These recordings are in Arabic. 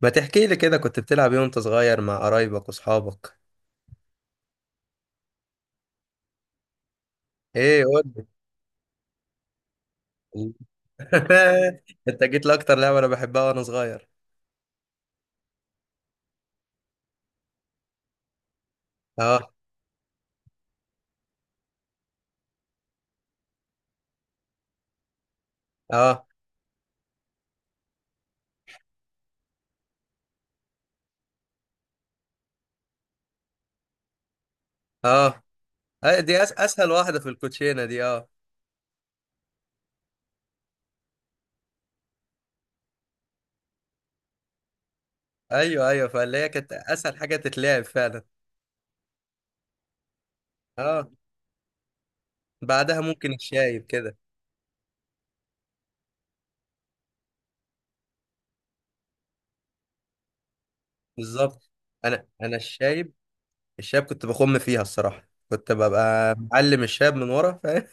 ما تحكي لي كده كنت بتلعب ايه وانت صغير مع قرايبك واصحابك؟ ايه قول لي. انت جيت لاكتر لعبه انا بحبها وانا صغير. اه. اه. اه. أي- دي أس اسهل واحده في الكوتشينه دي، اه. ايوه فاللي هي كانت اسهل حاجه تتلعب فعلا. اه، بعدها ممكن الشايب كده. بالظبط. انا الشايب. الشايب كنت بخم فيها الصراحه، كنت ببقى معلم الشاب من ورا، فاهم؟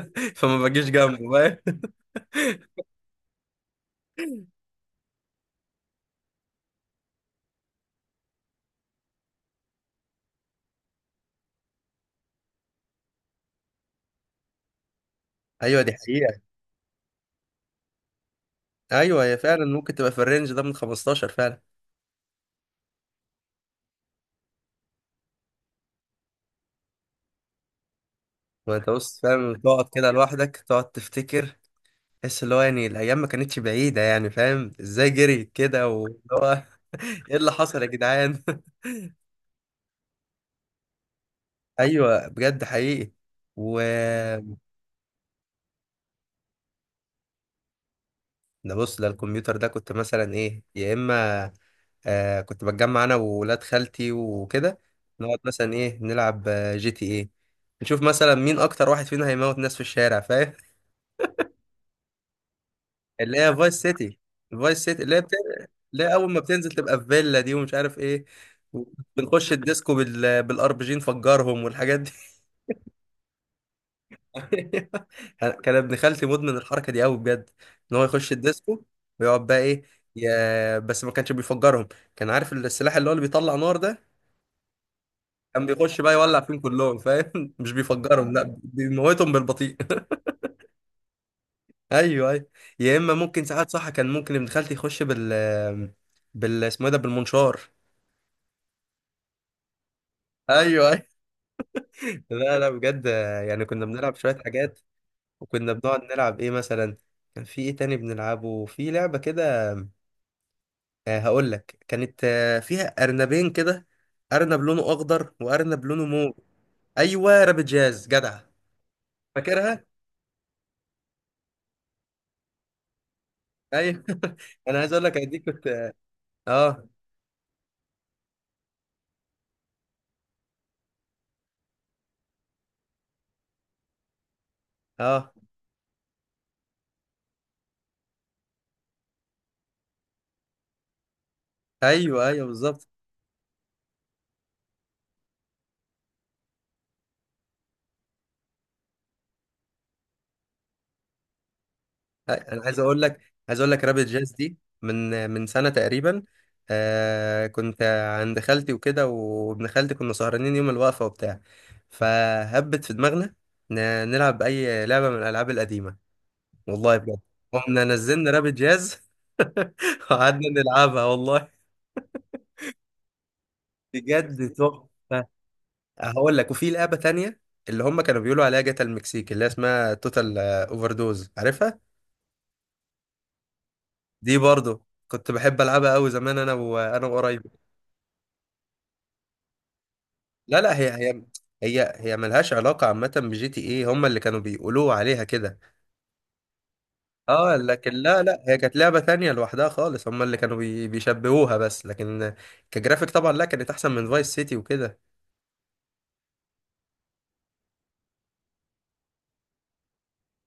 فما بجيش جنبه، فاهم؟ ايوه دي حقيقه. ايوه هي فعلا ممكن تبقى في الرينج ده من 15 فعلا. ما انت بص فاهم، تقعد كده لوحدك تقعد تفتكر، تحس اللي هو يعني الايام ما كانتش بعيده، يعني فاهم ازاي جريت كده واللي هو ايه اللي حصل يا جدعان؟ ايوه بجد حقيقي. و ده بص ده الكمبيوتر ده كنت مثلا ايه يا اما كنت بتجمع انا وولاد خالتي وكده، نقعد مثلا ايه نلعب جي تي ايه، نشوف مثلا مين اكتر واحد فينا هيموت ناس في الشارع، فاهم؟ اللي هي فايس سيتي. فايس سيتي اللي هي بت... اللي هي اول ما بتنزل تبقى في فيلا دي ومش عارف ايه، بنخش الديسكو بال... بالار بي جي، نفجرهم والحاجات دي. كان ابن خالتي مدمن الحركه دي قوي بجد، ان هو يخش الديسكو ويقعد بقى ايه يا... بس ما كانش بيفجرهم، كان عارف السلاح اللي هو اللي بيطلع نار ده، كان بيخش بقى يولع فيهم كلهم فاهم. مش بيفجرهم لا بيموتهم بالبطيء. ايوه يا اما ممكن ساعات صح كان ممكن ابن خالتي يخش بال بال اسمه ايه ده، بالمنشار. ايوه. لا لا بجد، يعني كنا بنلعب شويه حاجات، وكنا بنقعد نلعب ايه مثلا. كان في ايه تاني بنلعبه؟ في لعبه كده هقول لك، كانت فيها ارنبين كده، ارنب لونه اخضر وارنب لونه مو. ايوه رابط جاز جدع. فاكرها. ايوه. انا عايز اقول لك أنا دي كنت اه. اه ايوه ايوه بالظبط. انا عايز اقول لك، عايز اقول لك رابط جاز دي من من سنه تقريبا. كنت عند خالتي وكده وابن خالتي، كنا سهرانين يوم الوقفه وبتاع، فهبت في دماغنا ن- نلعب اي لعبه من الالعاب القديمه، والله بجد. قمنا نزلنا رابط جاز. وقعدنا نلعبها والله. بجد تحفه. هقول لك، وفي لعبه تانية اللي هم كانوا بيقولوا عليها جاتا المكسيك، اللي هي اسمها توتال اوفر دوز، عارفها؟ دي برضو كنت بحب العبها قوي زمان انا وقرايبي. لا لا هي هي ملهاش علاقة عامة بجي تي ايه، هما اللي كانوا بيقولوا عليها كده. اه لكن لا لا هي كانت لعبة تانية لوحدها خالص، هما اللي كانوا بيشبهوها بس، لكن كجرافيك طبعا لا كانت احسن من فايس سيتي وكده.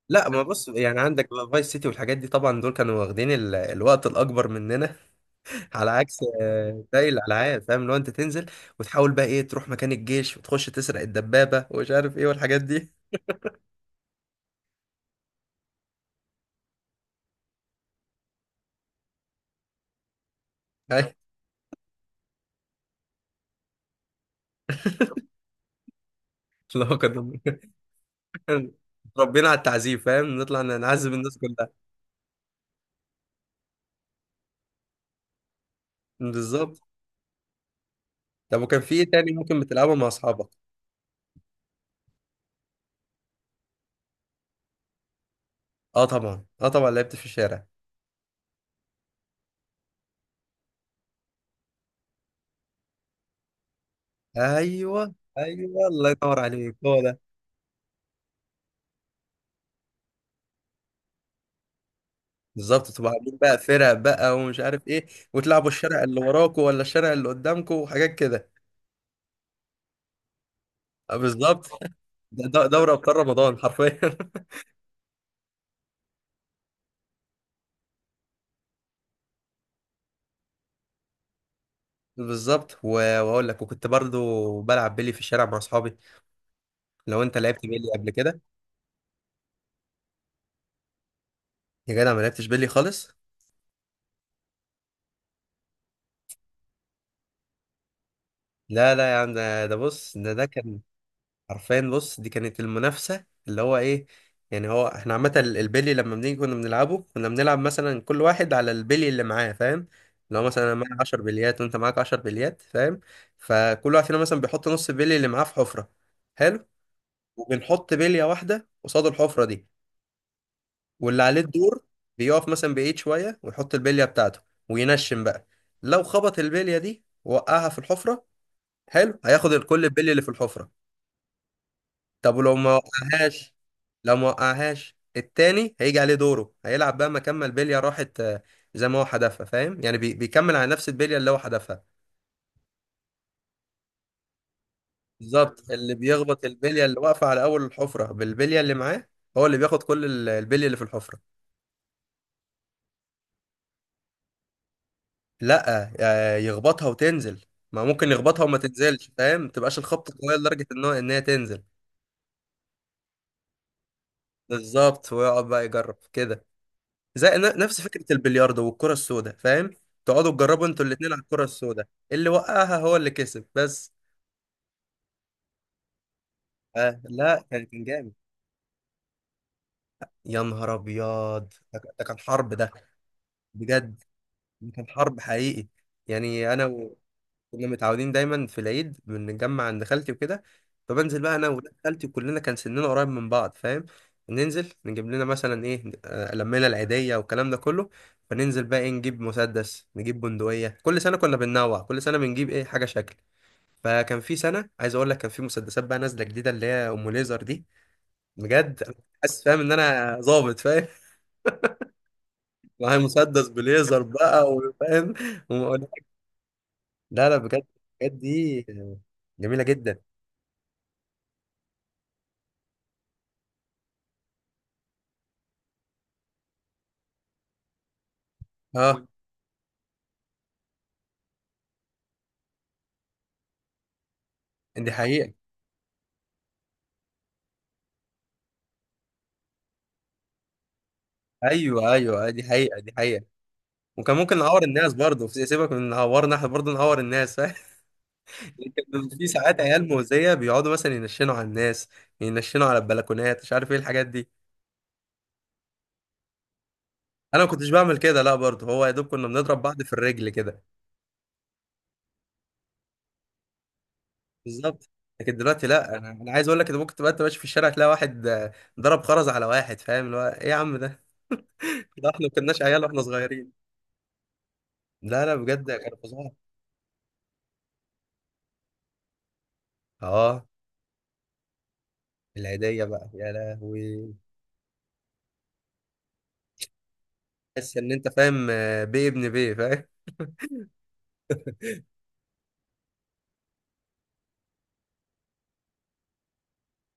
لا ما بص، يعني عندك فايس سيتي والحاجات دي طبعا دول كانوا واخدين ال... الوقت الاكبر مننا، على عكس باقي الالعاب فاهم، لو انت تنزل وتحاول بقى ايه تروح مكان الجيش وتخش تسرق الدبابة ومش عارف ايه والحاجات دي. لو كنا ربنا على التعذيب فاهم، نطلع نعذب الناس كلها. بالظبط. طب وكان في ايه تاني ممكن بتلعبه مع اصحابك؟ اه طبعا اه طبعا لعبت في الشارع. ايوه ايوه الله ينور عليك هو ده. بالظبط، تبقى عاملين بقى فرق بقى ومش عارف ايه، وتلعبوا الشارع اللي وراكوا ولا الشارع اللي قدامكوا وحاجات كده. بالظبط. ده دوري ابطال رمضان حرفيا. بالظبط واقول لك وكنت برضو بلعب بيلي في الشارع مع اصحابي، لو انت لعبت بيلي قبل كده. يا جدع ما لعبتش بيلي خالص. لا لا يا عم ده بص ده كان حرفيا بص، دي كانت المنافسة اللي هو ايه، يعني هو احنا عامة ال- البلي لما بنيجي كنا بنلعبه، كنا بنلعب مثلا كل واحد على البلي اللي معاه فاهم، لو مثلا انا معايا 10 بليات وانت معاك 10 بليات فاهم، فكل واحد فينا مثلا بيحط نص البلي اللي معاه في حفرة. حلو. وبنحط بلية واحدة قصاد الحفرة دي، واللي عليه الدور بيقف مثلا بعيد شوية ويحط البلية بتاعته وينشن بقى. لو خبط البلية دي وقعها في الحفرة، حلو هياخد الكل البلي اللي في الحفرة. طب ولو ما وقعهاش؟ لو ما وقعهاش التاني هيجي عليه دوره، هيلعب بقى مكان ما البليه راحت، زي ما هو حدفها فاهم، يعني بيكمل على نفس البليه اللي هو حدفها. بالظبط، اللي بيخبط البليه اللي واقفه على اول الحفره بالبليه اللي معاه هو اللي بياخد كل ال- البليه اللي في الحفره. لا يخبطها وتنزل. ما ممكن يخبطها وما تنزلش فاهم، ما تبقاش الخبطه قويه لدرجه ان هو انها تنزل. بالظبط ويقعد بقى يجرب كده، زي نفس فكرة البلياردو والكرة السوداء فاهم، تقعدوا تجربوا انتوا الاتنين على الكرة السوداء، اللي وقعها هو اللي كسب بس. آه لا كان جامد. يا نهار ابيض ده ده كان حرب ده. بجد ده كان حرب حقيقي. يعني انا كنا متعودين دايما في العيد بنتجمع عند خالتي وكده، فبنزل بقى انا وولاد خالتي كلنا كان سننا قريب من بعض فاهم، ننزل نجيب لنا مثلا ايه لمينا العيدية والكلام ده كله، فننزل بقى ايه نجيب مسدس نجيب بندقية، كل سنة كنا بننوع، كل سنة بنجيب ايه حاجة شكل. فكان في سنة عايز اقول لك كان في مسدسات بقى نازلة جديدة اللي هي ام ليزر دي، بجد أنا حاسس فاهم ان انا ظابط فاهم. معايا مسدس بليزر بقى وفاهم وم- لا لا بجد الحاجات دي جميلة جدا. اه دي حقيقة. ايوه ايوه دي حقيقة دي حقيقة. وكان ممكن نعور الناس برضه سيبك من نعورنا احنا، برضه نعور الناس فاهم. كان في ساعات عيال مؤذية بيقعدوا مثلا ينشنوا على الناس، ينشنوا على البلكونات مش عارف ايه الحاجات دي. انا ما كنتش بعمل كده لا، برضه هو يا دوب كنا بنضرب بعض في الرجل كده. بالظبط. لكن دلوقتي لا، انا عايز اقول لك ان ممكن تبقى انت ماشي في الشارع تلاقي واحد ضرب خرز على واحد فاهم اللي هو ايه يا عم ده. ده احنا ما كناش عيال واحنا صغيرين. لا لا بجد كانوا فظاع. اه. العيدية بقى يا لهوي. تحس ان انت فاهم بيه ابن بيه فاهم.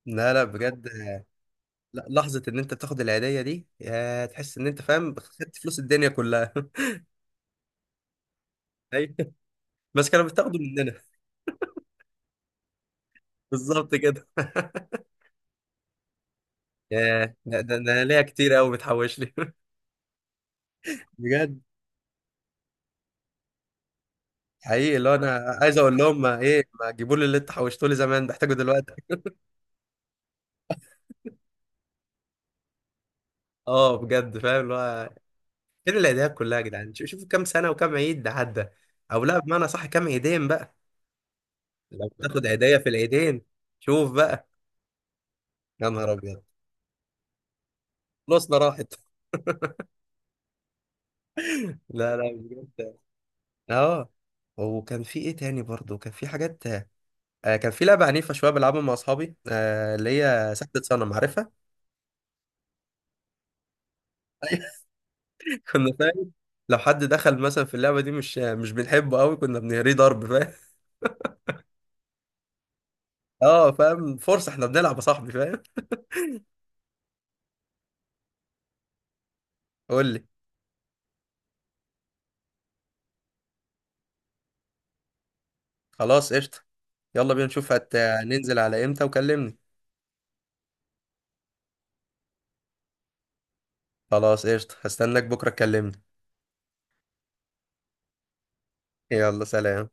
لا لا بجد. لا لحظة ان انت بتاخد العيدية دي، يا تحس ان انت فاهم خدت فلوس الدنيا كلها. ايوه بس كانوا بتاخدوا مننا. بالظبط كده. يا ده انا ليا كتير قوي متحوش لي. بجد حقيقي، اللي هو انا عايز اقول لهم ما ايه ما تجيبوا لي اللي انت حوشتوا لي زمان بحتاجه دلوقتي. اه بجد فاهم اللي هو فين العيديات كلها يا جدعان، شوفوا كام سنة وكام عيد ده عدى، او لا بمعنى صح كام عيدين بقى. لو تاخد عيدية في العيدين، شوف بقى. يا نهار ابيض فلوسنا راحت. لا لا بجد. اه وكان في ايه تاني برضه كان في حاجات، كان في لعبه عنيفه شويه بلعبها مع اصحابي آه اللي هي سحبة صنم، عارفها؟ كنا فاهم لو حد دخل مثلا في اللعبه دي مش مش بنحبه قوي كنا بنهريه ضرب فاهم. اه فاهم فرصه احنا بنلعب يا صاحبي فاهم. قول لي. خلاص قشطه. يلا بينا نشوف هت... ننزل على امتى وكلمني. خلاص قشطه هستناك بكره تكلمني. يلا سلام.